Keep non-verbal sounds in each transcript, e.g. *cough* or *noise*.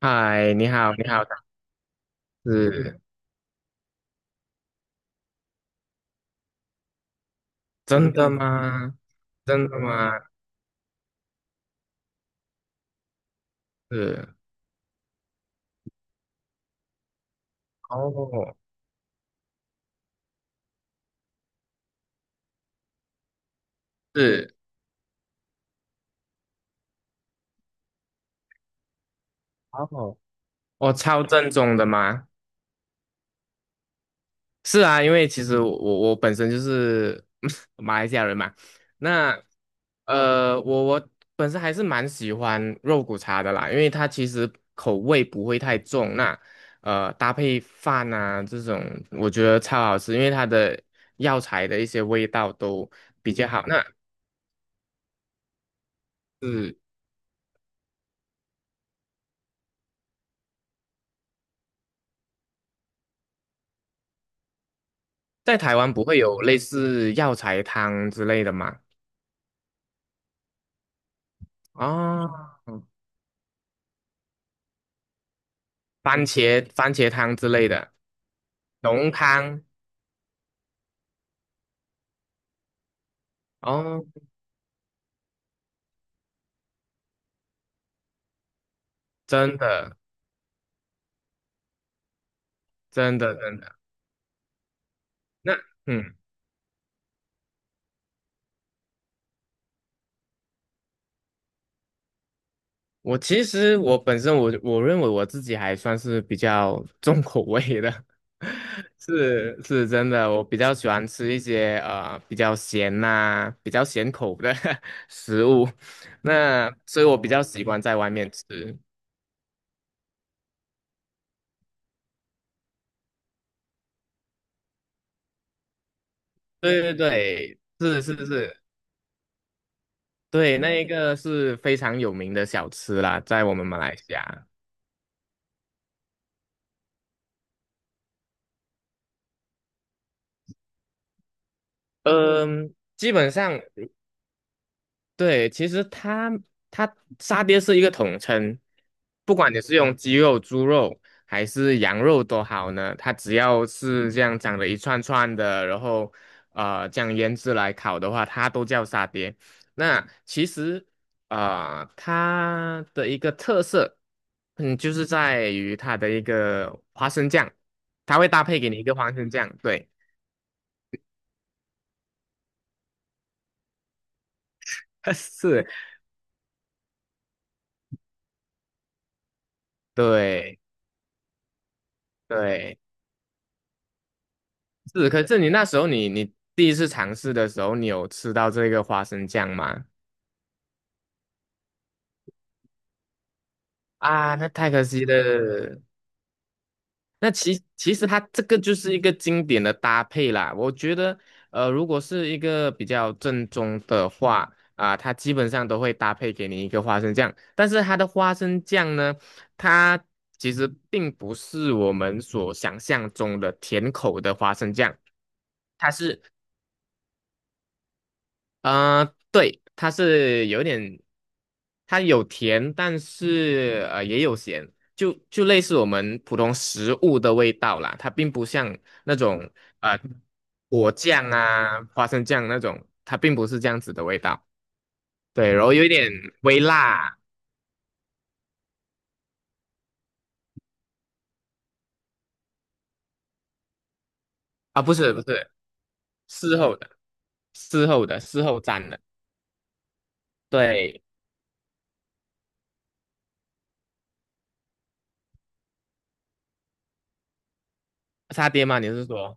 嗨，你好，你好。是真的吗？真的吗？是哦，是哦。我超正宗的吗？是啊，因为其实我本身就是 *laughs* 马来西亚人嘛。那我本身还是蛮喜欢肉骨茶的啦，因为它其实口味不会太重。那搭配饭啊这种，我觉得超好吃，因为它的药材的一些味道都比较好。那是。在台湾不会有类似药材汤之类的吗？哦，番茄汤之类的，浓汤。哦，真的真的真的。那嗯，我其实我本身我认为我自己还算是比较重口味的。*laughs* 是是真的，我比较喜欢吃一些比较咸呐、比较咸口的 *laughs* 食物，那所以我比较习惯在外面吃。对对对，是是是，对，那一个是非常有名的小吃啦，在我们马来西亚。嗯，基本上对，其实它沙爹是一个统称，不管你是用鸡肉、猪肉还是羊肉都好呢，它只要是这样长得一串串的，然后这样腌制来烤的话，它都叫沙爹。那其实它的一个特色，嗯，就是在于它的一个花生酱，它会搭配给你一个花生酱，对。*laughs* 是，对对。是，可是你那时候你第一次尝试的时候，你有吃到这个花生酱吗？啊，那太可惜了。那其实它这个就是一个经典的搭配啦。我觉得，如果是一个比较正宗的话，啊、它基本上都会搭配给你一个花生酱。但是它的花生酱呢，它其实并不是我们所想象中的甜口的花生酱。它是对，它是有点，它有甜，但是也有咸，就类似我们普通食物的味道啦。它并不像那种呃果酱啊、花生酱那种，它并不是这样子的味道。对，然后有一点微辣啊，不是不是，事后的，事后的，事后蘸的。对，沙爹吗？你是说？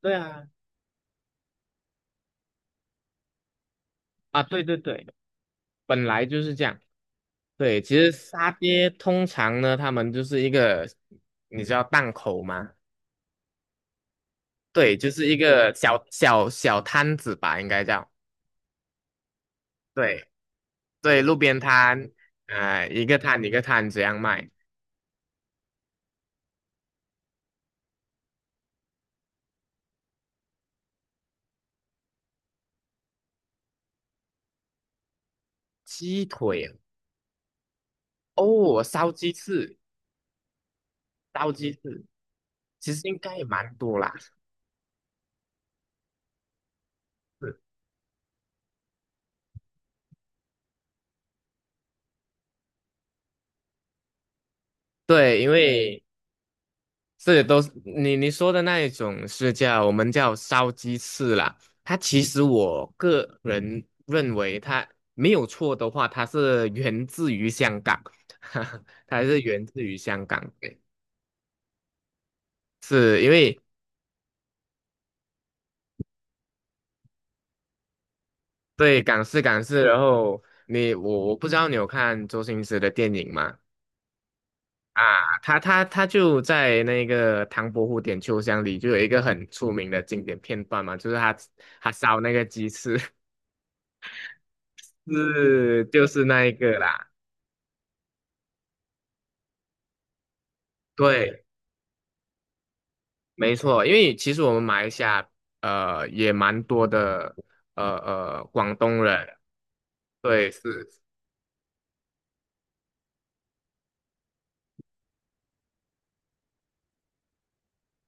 对啊，啊，对对对，本来就是这样。对，其实沙爹通常呢，他们就是一个，你知道档口吗？对，就是一个小小小摊子吧，应该叫。对对，路边摊，一个摊一个摊这样卖。鸡腿哦，烧鸡翅，烧鸡翅，其实应该也蛮多啦。是对，因为是，都是你说的那一种是叫我们叫烧鸡翅啦。它其实我个人认为它没有错的话，它是源自于香港。*laughs* 它是源自于香港。对，是因为对港式港式，然后你我不知道你有看周星驰的电影吗？啊，他就在那个唐伯虎点秋香里就有一个很出名的经典片段嘛，就是他烧那个鸡翅。是，就是那一个啦。对，没错，因为其实我们马来西亚也蛮多的广东人。对，是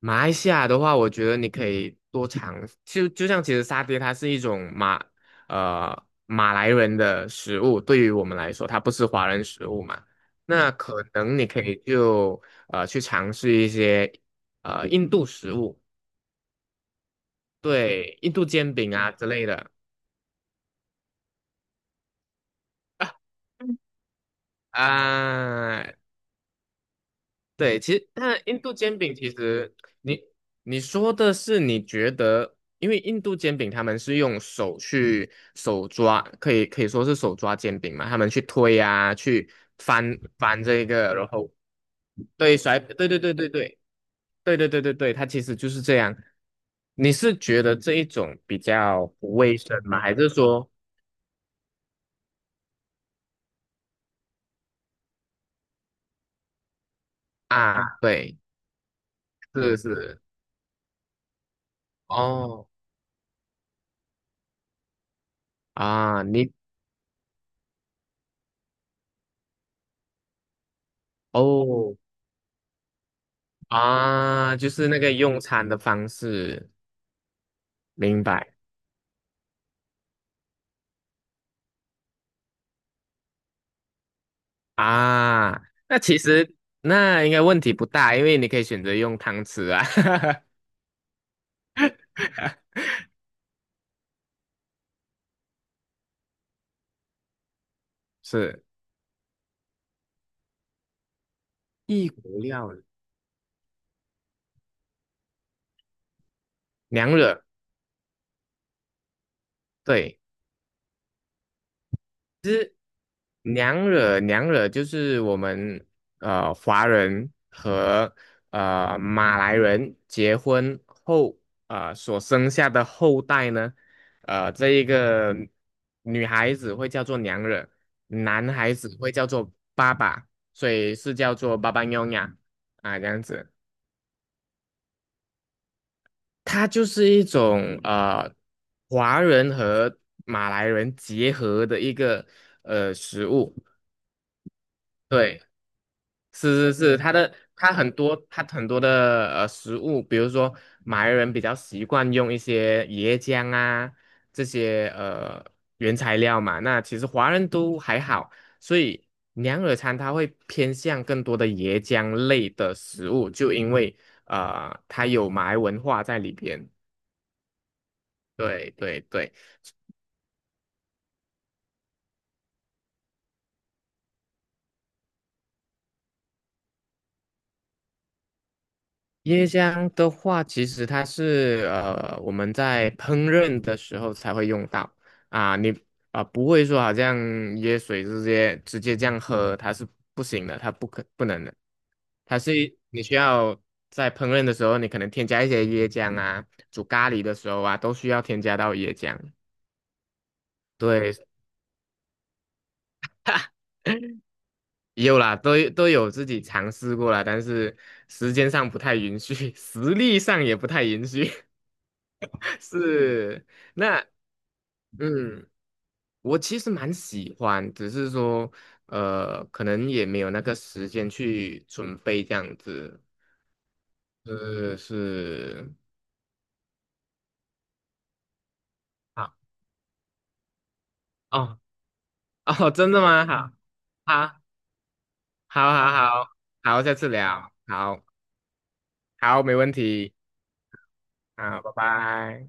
马来西亚的话，我觉得你可以多尝，就像其实沙爹它是一种马来人的食物，对于我们来说，它不是华人食物嘛。那可能你可以就去尝试一些印度食物，对，印度煎饼啊之类的。*laughs* 啊，对，其实那印度煎饼其实你你说的是你觉得，因为印度煎饼他们是用手去手抓，可以说是手抓煎饼嘛，他们去推啊，去翻翻这个，然后对甩，对对对对对对对对对对，它其实就是这样。你是觉得这一种比较不卫生吗？还是说啊，对，是是哦啊，你哦。啊，就是那个用餐的方式，明白啊？那其实那应该问题不大，因为你可以选择用汤匙啊。*laughs* 是一股料理，娘惹，对。娘惹娘惹就是我们华人和马来人结婚后所生下的后代呢，这一个女孩子会叫做娘惹，男孩子会叫做爸爸，所以是叫做爸爸娘呀啊这样子。它就是一种华人和马来人结合的一个食物。对，是是是，他它的它很多的食物，比如说马来人比较习惯用一些椰浆啊这些原材料嘛。那其实华人都还好，所以娘惹餐它会偏向更多的椰浆类的食物，就因为它有马来文化在里边。对对对。椰浆的话，其实它是我们在烹饪的时候才会用到啊，你啊、不会说好像椰水直接这样喝，它是不行的，它不能的。它是你需要在烹饪的时候，你可能添加一些椰浆啊，煮咖喱的时候啊，都需要添加到椰浆。对，*laughs* 有啦，都有自己尝试过啦，但是时间上不太允许，*laughs* 实力上也不太允许。*laughs* 是，那嗯，我其实蛮喜欢，只是说，可能也没有那个时间去准备这样子。是是，好哦 *laughs* 哦，真的吗？好，好，好，好，好，好，下次聊，好，好，没问题，好，拜拜。